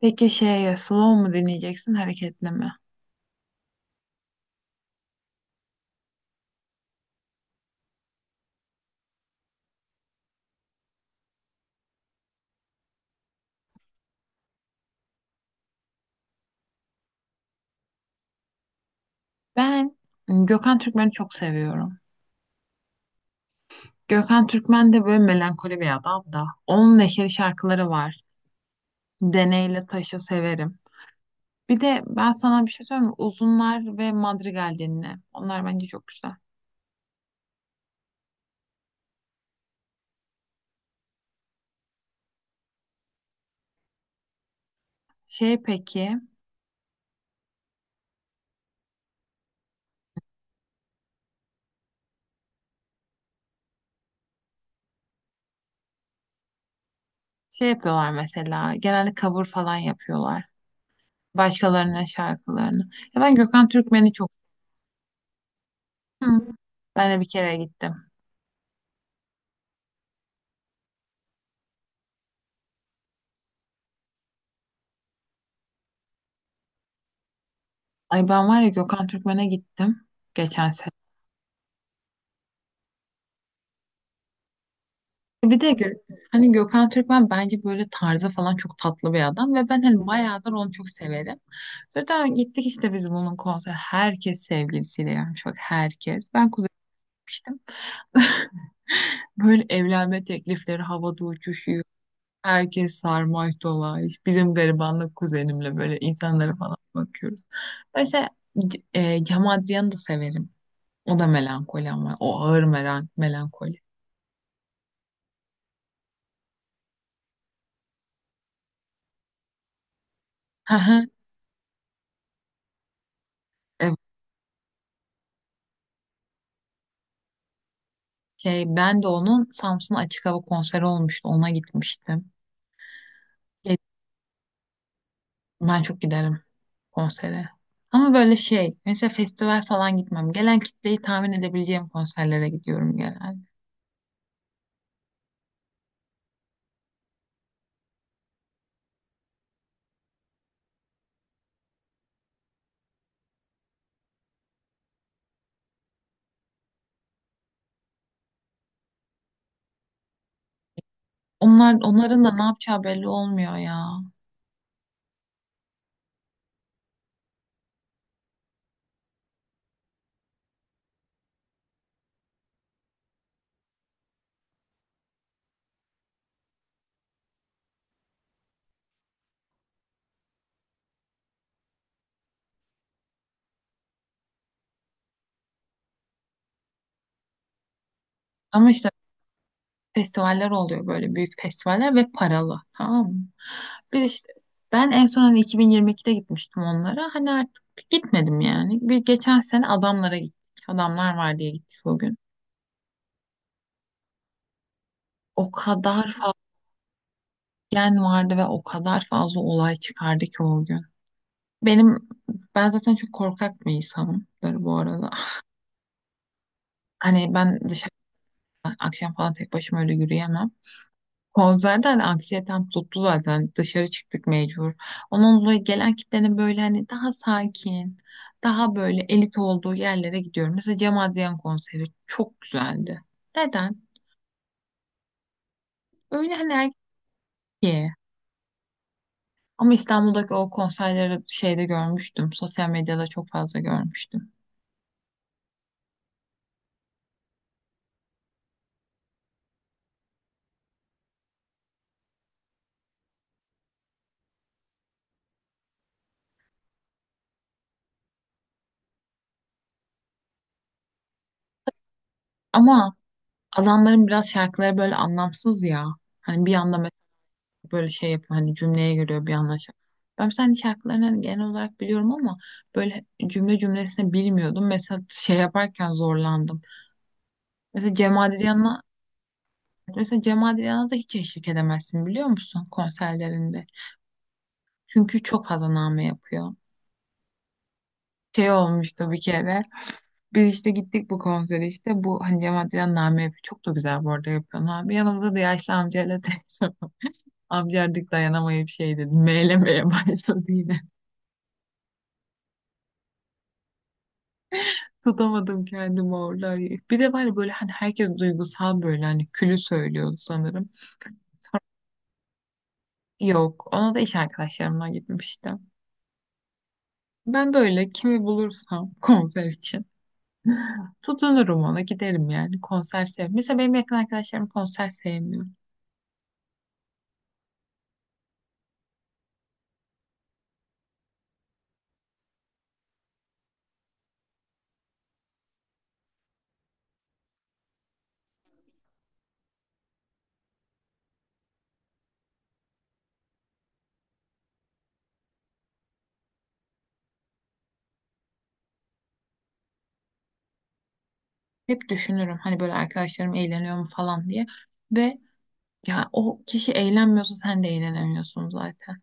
Peki slow mu dinleyeceksin, hareketli mi? Ben Gökhan Türkmen'i çok seviyorum. Gökhan Türkmen de böyle melankoli bir adam da. Onun neşeli şarkıları var. Deneyle Taş'ı severim. Bir de ben sana bir şey söyleyeyim mi? Uzunlar ve Madrigal dinle. Onlar bence çok güzel. Şey peki, şey yapıyorlar mesela. Genelde cover falan yapıyorlar. Başkalarının şarkılarını. Ya ben Gökhan Türkmen'i çok... Hı. Ben de bir kere gittim. Ay ben var ya Gökhan Türkmen'e gittim geçen sene. Bir de Gö- hani Gökhan Türkmen bence böyle tarzı falan çok tatlı bir adam ve ben hani bayağıdır onu çok severim. Sonra gittik işte biz bunun konseri. Herkes sevgilisiyle, yani çok herkes. Ben kuzenmiştim. Böyle evlenme teklifleri havada uçuşuyor. Herkes sarmaş dolaş. Bizim garibanlık kuzenimle böyle insanlara falan bakıyoruz. Mesela Cem Adrian'ı da severim. O da melankoli, ama o ağır melankoli. Ben de onun Samsun Açık Hava konseri olmuştu. Ona gitmiştim. Şey, Ben çok giderim konsere. Ama böyle şey, mesela festival falan gitmem. Gelen kitleyi tahmin edebileceğim konserlere gidiyorum genelde. Onlar, onların da ne yapacağı belli olmuyor ya. Ama işte festivaller oluyor, böyle büyük festivaller ve paralı. Tamam mı? Bir işte, ben en son hani 2022'de gitmiştim onlara. Hani artık gitmedim yani. Bir geçen sene adamlara gittik. Adamlar var diye gittik o gün. O kadar gen vardı ve o kadar fazla olay çıkardı ki o gün. Benim ben zaten çok korkak bir insanımdır bu arada. Hani ben dışarı akşam falan tek başıma öyle yürüyemem. Konserde hani anksiyetem tuttu zaten. Dışarı çıktık mecbur. Onun dolayı gelen kitlenin böyle hani daha sakin, daha böyle elit olduğu yerlere gidiyorum. Mesela Cem Adrian konseri çok güzeldi. Neden? Öyle hani erkeğe. Ama İstanbul'daki o konserleri şeyde görmüştüm. Sosyal medyada çok fazla görmüştüm. Ama adamların biraz şarkıları böyle anlamsız ya. Hani bir anda mesela böyle şey yapıyor, hani cümleye giriyor bir anda. Şa- Ben mesela hani şarkılarını hani genel olarak biliyorum ama böyle cümle cümlesine bilmiyordum. Mesela şey yaparken zorlandım. Mesela Cem Adrian'a mesela Cem Adrian'a da hiç eşlik edemezsin biliyor musun konserlerinde. Çünkü çok fazla name yapıyor. Şey olmuştu bir kere. Biz işte gittik bu konsere işte. Bu hani Cem Adrian name yapıyor. Çok da güzel bu arada yapıyor. Abi. Yanımızda da yaşlı amcayla teyze. Amca artık dayanamayıp şey dedi. Meylemeye başladı yine. Tutamadım kendimi orada. Bir de var ya böyle hani herkes duygusal, böyle hani külü söylüyordu sanırım. Yok. Ona da iş arkadaşlarımdan gitmiştim. Ben böyle kimi bulursam konser için tutunurum, ona giderim, yani konser sev. Mesela benim yakın arkadaşlarım konser sevmiyor. Hep düşünürüm hani böyle arkadaşlarım eğleniyor mu falan diye. Ve ya o kişi eğlenmiyorsa sen de eğlenemiyorsun zaten.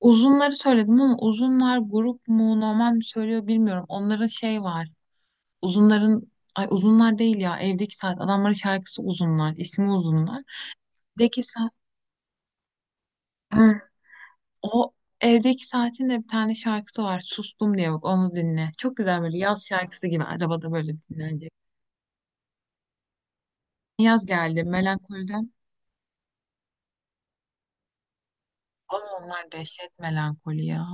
Uzunları söyledim ama uzunlar grup mu, normal mi söylüyor bilmiyorum. Onların şey var. Uzunların ay uzunlar değil ya, evdeki saat adamların şarkısı, uzunlar İsmi uzunlar. Evdeki saat. Hı. O evdeki saatin de bir tane şarkısı var. Sustum diye, bak onu dinle. Çok güzel, böyle yaz şarkısı gibi, arabada böyle dinlenecek. Yaz geldi melankoliden. Ama onlar dehşet melankoli ya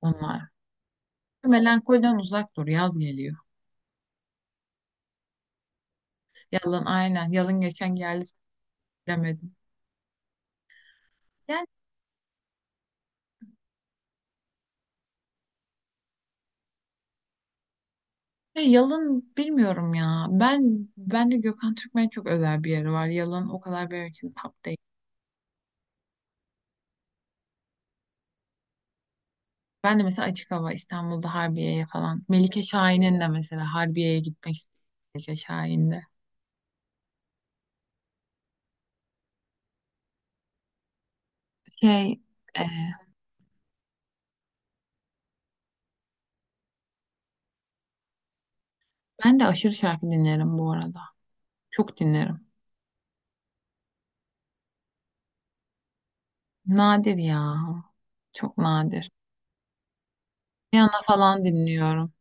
onlar. Melankoliden uzak dur, yaz geliyor. Yalın, aynen, yalın geçen geldi demedim. Yani. Ya Yalın bilmiyorum ya. Ben de Gökhan Türkmen'e çok özel bir yeri var. Yalın o kadar benim için top değil. Ben de mesela açık hava İstanbul'da Harbiye'ye falan. Melike Şahin'in de mesela Harbiye'ye gitmek istiyorum. Melike Şahin'de. Şey e, ben de aşırı şarkı dinlerim bu arada. Çok dinlerim. Nadir ya. Çok nadir. Rihanna falan dinliyorum.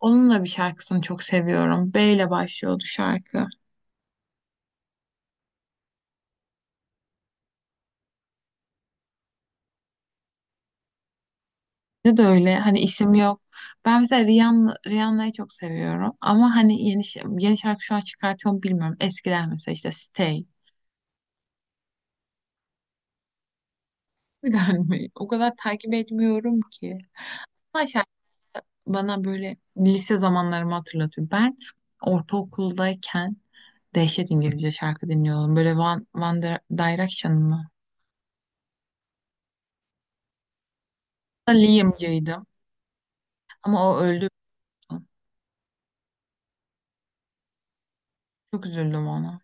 Onun da bir şarkısını çok seviyorum. B ile başlıyordu şarkı. Bence de öyle. Hani işim yok. Ben mesela Rihanna'yı çok seviyorum. Ama hani yeni, ş- yeni şarkı şu an çıkartıyor mu bilmiyorum. Eskiden mesela işte Stay. Bilen mi? O kadar takip etmiyorum ki. Ama şarkı bana böyle lise zamanlarımı hatırlatıyor. Ben ortaokuldayken dehşet İngilizce şarkı dinliyordum. Böyle Direction mı? Liam'cıydım. Ama o öldü. Çok üzüldüm ona.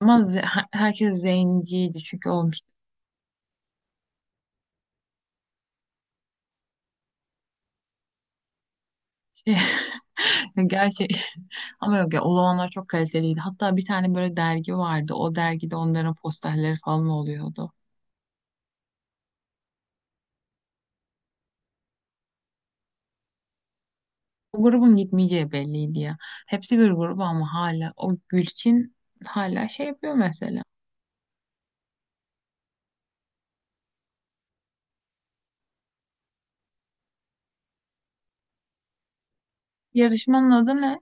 Ama herkes zenciydi çünkü olmuş. Gerçi. Ama yok ya, o zamanlar çok kaliteliydi. Hatta bir tane böyle dergi vardı. O dergide onların posterleri falan oluyordu. O grubun gitmeyeceği belliydi ya. Hepsi bir grup, ama hala o Gülçin hala şey yapıyor mesela. Yarışmanın adı ne?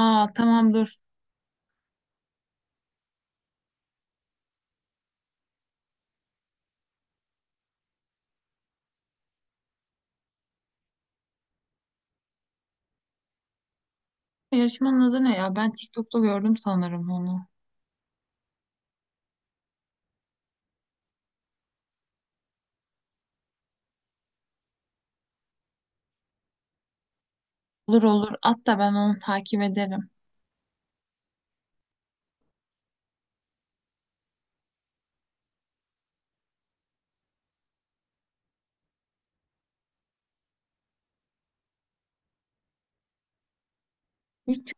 Aa tamam dur. Yarışmanın adı ne ya? Ben TikTok'ta gördüm sanırım onu. Olur olur. Hatta ben onu takip ederim. Hiç-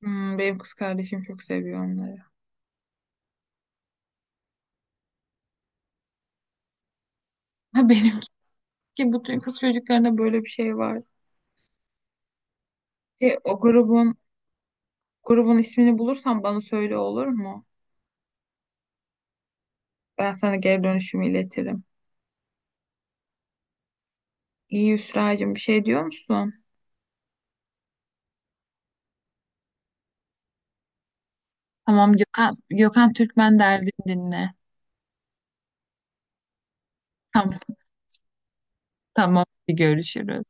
Hmm, benim kız kardeşim çok seviyor onları. Ha benimki ki bütün kız çocuklarında böyle bir şey var. Şey, o grubun Grubun ismini bulursan bana söyle, olur mu? Ben sana geri dönüşümü iletirim. İyi Hüsra'cığım, bir şey diyor musun? Tamam Gökhan Türkmen derdini dinle. Tamam, tamam. Görüşürüz.